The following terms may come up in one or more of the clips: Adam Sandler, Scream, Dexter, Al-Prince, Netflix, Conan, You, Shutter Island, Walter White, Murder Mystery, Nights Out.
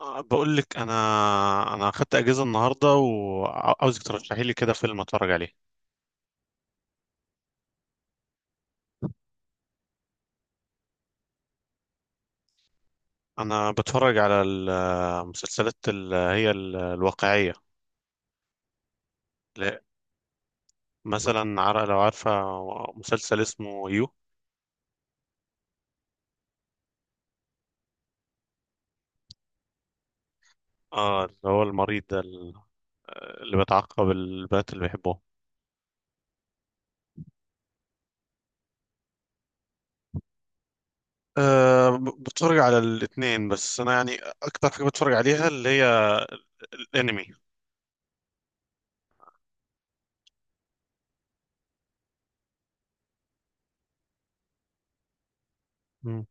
بقول لك انا اخدت اجازه النهارده، وعاوزك ترشحي لي كده فيلم اتفرج عليه. انا بتفرج على المسلسلات اللي هي الواقعيه. لا، مثلا لو عارفه مسلسل اسمه يو. اه، اللي هو المريض ده، اللي بيتعقب البنات اللي بيحبوه. أه، بتفرج على الاثنين، بس انا يعني اكتر حاجه بتفرج عليها اللي هي الانمي. مم.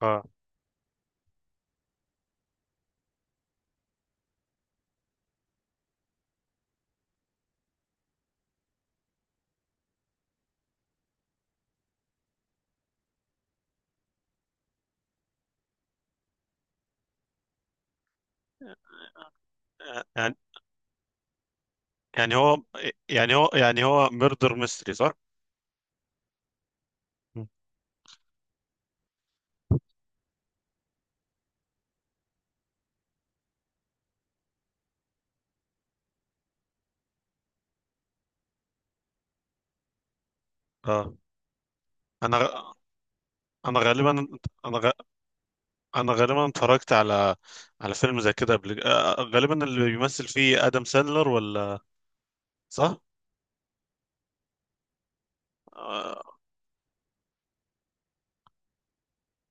اه، يعني يعني هو يعني هو ميردر ميستري، صح؟ مم. اه، انا غ- انا غالبا انا غ... انا غالبا اتفرجت على فيلم زي كده قبل، غالبا اللي بيمثل فيه ادم ساندلر، ولا؟ صح. آه،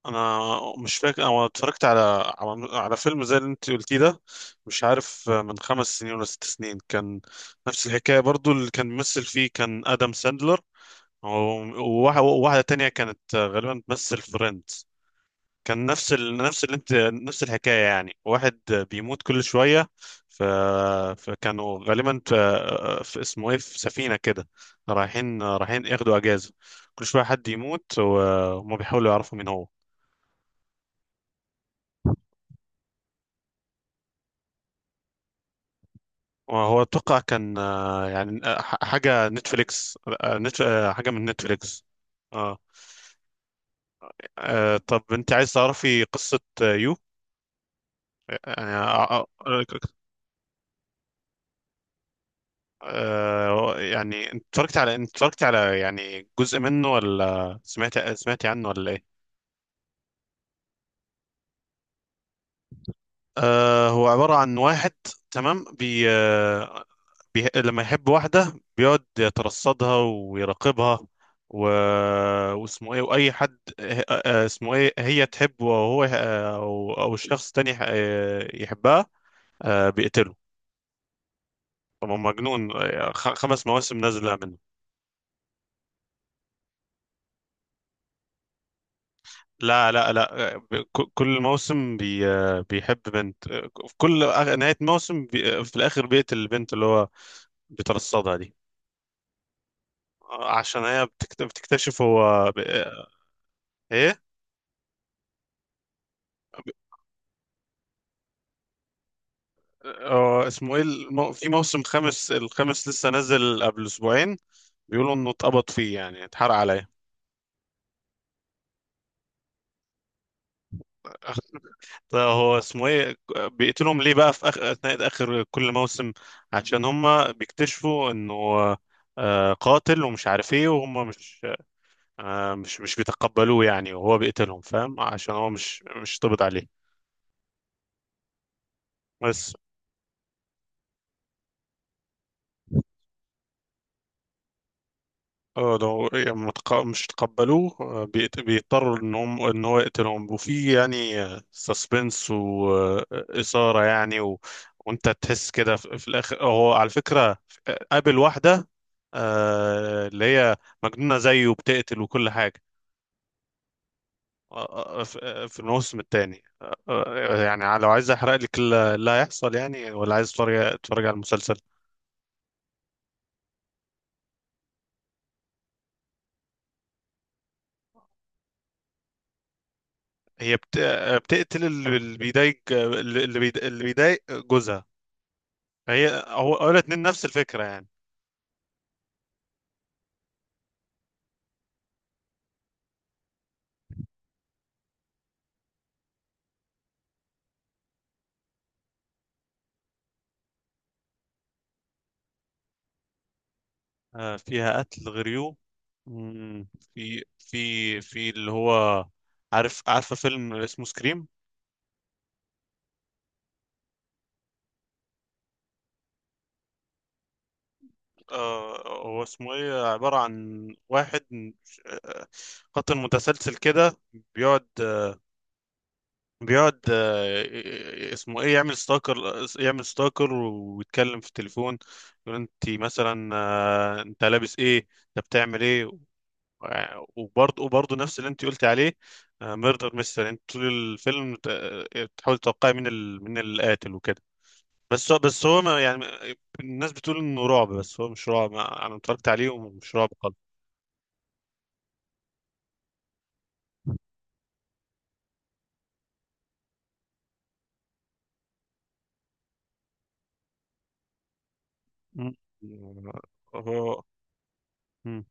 انا مش فاكر، انا اتفرجت على على فيلم زي اللي انت قلتيه ده. مش عارف، من 5 سنين ولا 6 سنين كان. نفس الحكايه برضو، اللي كان بيمثل فيه كان ادم ساندلر، و- وواحده تانية كانت غالبا بتمثل فريند. كان نفس اللي انت، نفس الحكايه، يعني واحد بيموت كل شويه. ف... فكانوا غالبا في، اسمه ايه، في سفينه كده، رايحين ياخدوا اجازه، كل شويه حد يموت وهم بيحاولوا يعرفوا مين هو. وهو اتوقع كان يعني حاجه نتفليكس، آه، نت... آه، حاجه من نتفليكس. اه. طب انت عايز تعرفي قصه يو؟ يعني يعني، انت اتفرجت على، يعني، جزء منه، ولا سمعت عنه، ولا ايه؟ هو عبارة عن واحد، تمام. بي لما يحب واحدة بيقعد يترصدها ويراقبها، و... واسمه ايه، واي حد، اسمه ايه، هي تحبه، وهو او الشخص تاني، يحبها، بيقتله. طبعا مجنون. 5 مواسم نازلة منه. لا، لا، لا، كل موسم بيحب بنت. في كل نهاية موسم، في الآخر بيقتل البنت اللي هو بيترصدها دي، عشان هي بتكتشف هو ايه؟ هو اسمه ايه، في موسم الخامس لسه نازل قبل اسبوعين. بيقولوا انه اتقبض فيه، يعني اتحرق عليه. طيب هو اسمه ايه، بيقتلهم ليه بقى في اخر كل موسم؟ عشان هم بيكتشفوا انه قاتل ومش عارف ايه، وهم مش، مش بيتقبلوه يعني، وهو بيقتلهم، فاهم؟ عشان هو مش طبط عليه. بس. اه، لو يعني، مش تقبلوه، بيضطروا ان هو يقتلهم، وفي يعني سسبنس وإثارة يعني، وانت تحس كده في الاخر. هو على فكرة قابل واحدة اللي هي مجنونة زيه وبتقتل وكل حاجة، في الموسم الثاني. يعني لو عايز احرق لك اللي هيحصل يعني، ولا عايز تتفرج على المسلسل؟ هي بتقتل اللي بيضايق، اللي بيضايق جوزها. هي هو هو الاتنين نفس الفكرة يعني. فيها قتل غريو. مم، في اللي هو، عارفة فيلم اسمه سكريم؟ هو اسمه ايه، عبارة عن واحد آه، قاتل متسلسل كده، بيقعد بيقعد اسمه ايه، يعمل ستاكر. يعمل ستاكر ويتكلم في التليفون، يقول انت مثلا انت لابس ايه، انت بتعمل ايه. وبرضه نفس اللي انت قلتي عليه، ميردر مستر، انت طول الفيلم تحاول تتوقعي من القاتل وكده. بس هو ما يعني، الناس بتقول انه رعب، بس هو مش رعب. انا اتفرجت عليه ومش رعب خالص. مم. هو. مم.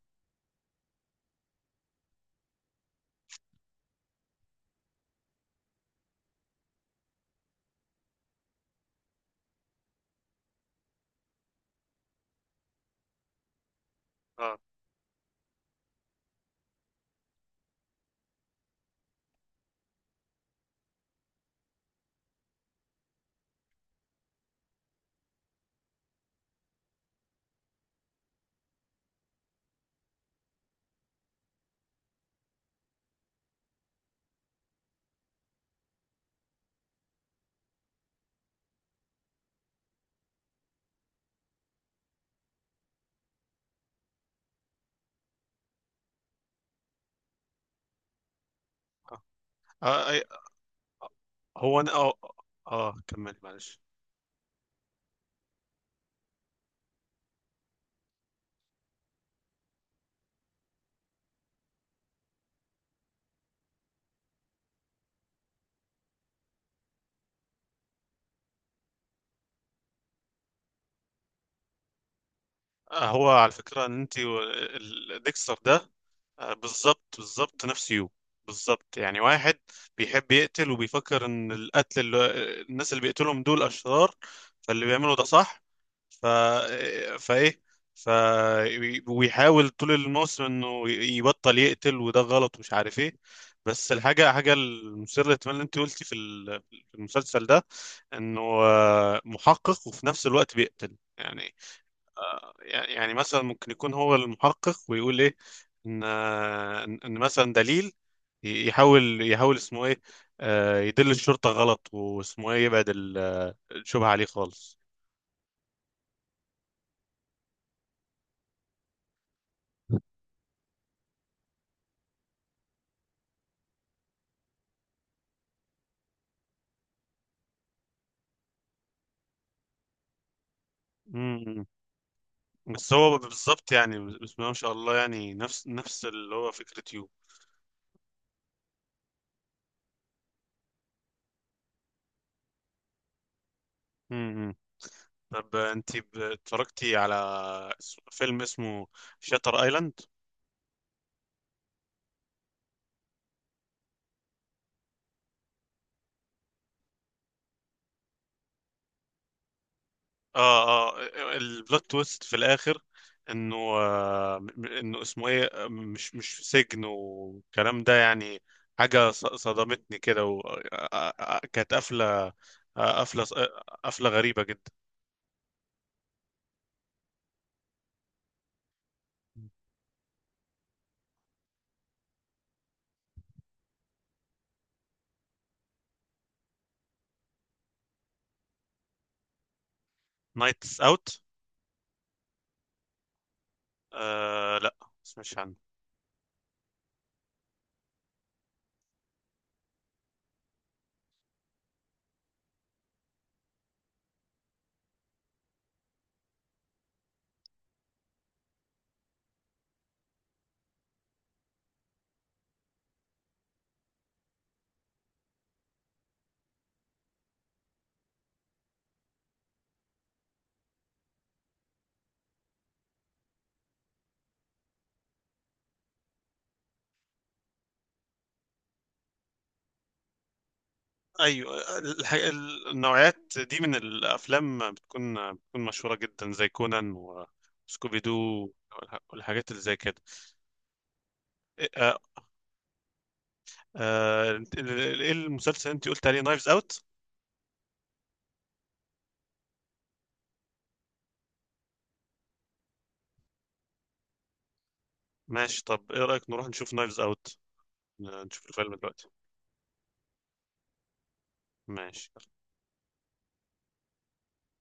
اه. آه. آه، أي- هو انا اه. اه، كمل معلش. هو على فكرة، ان انت ديكستر ده بالظبط، بالظبط نفس يو. بالظبط يعني، واحد بيحب يقتل وبيفكر ان القتل، الناس اللي بيقتلهم دول اشرار، فاللي بيعملوا ده صح. ف آه، فايه. ف. ويحاول طول الموسم انه يبطل يقتل، وده غلط ومش عارف ايه. بس الحاجة المثيرة للاهتمام اللي انت قلتي في في المسلسل ده، انه محقق وفي نفس الوقت بيقتل يعني. يعني مثلا ممكن يكون هو المحقق ويقول ايه، ان ان إن مثلا دليل، يحاول اسمه ايه، يدل الشرطة غلط، واسمه ايه، يبعد الشبهة عليه خالص. مم. بس هو بالظبط يعني، بسم الله ما شاء الله، يعني نفس اللي هو فكرة يو. مم. طب انت، اتفرجتي على فيلم اسمه شاتر ايلاند؟ اه، اه، البلوت تويست في الاخر، انه اسمه ايه، مش في سجن والكلام ده يعني، حاجه صدمتني كده، كانت قفله، قفله غريبه جدا. نايتس اوت؟ لا، مش عنه. ايوه، النوعيات دي من الافلام بتكون مشهوره جدا، زي كونان وسكوبي دو والحاجات اللي زي كده. آه، ايه المسلسل اللي انت قلت عليه، نايفز اوت؟ ماشي، طب ايه رأيك نروح نشوف نايفز اوت، نشوف الفيلم دلوقتي؟ ماشي.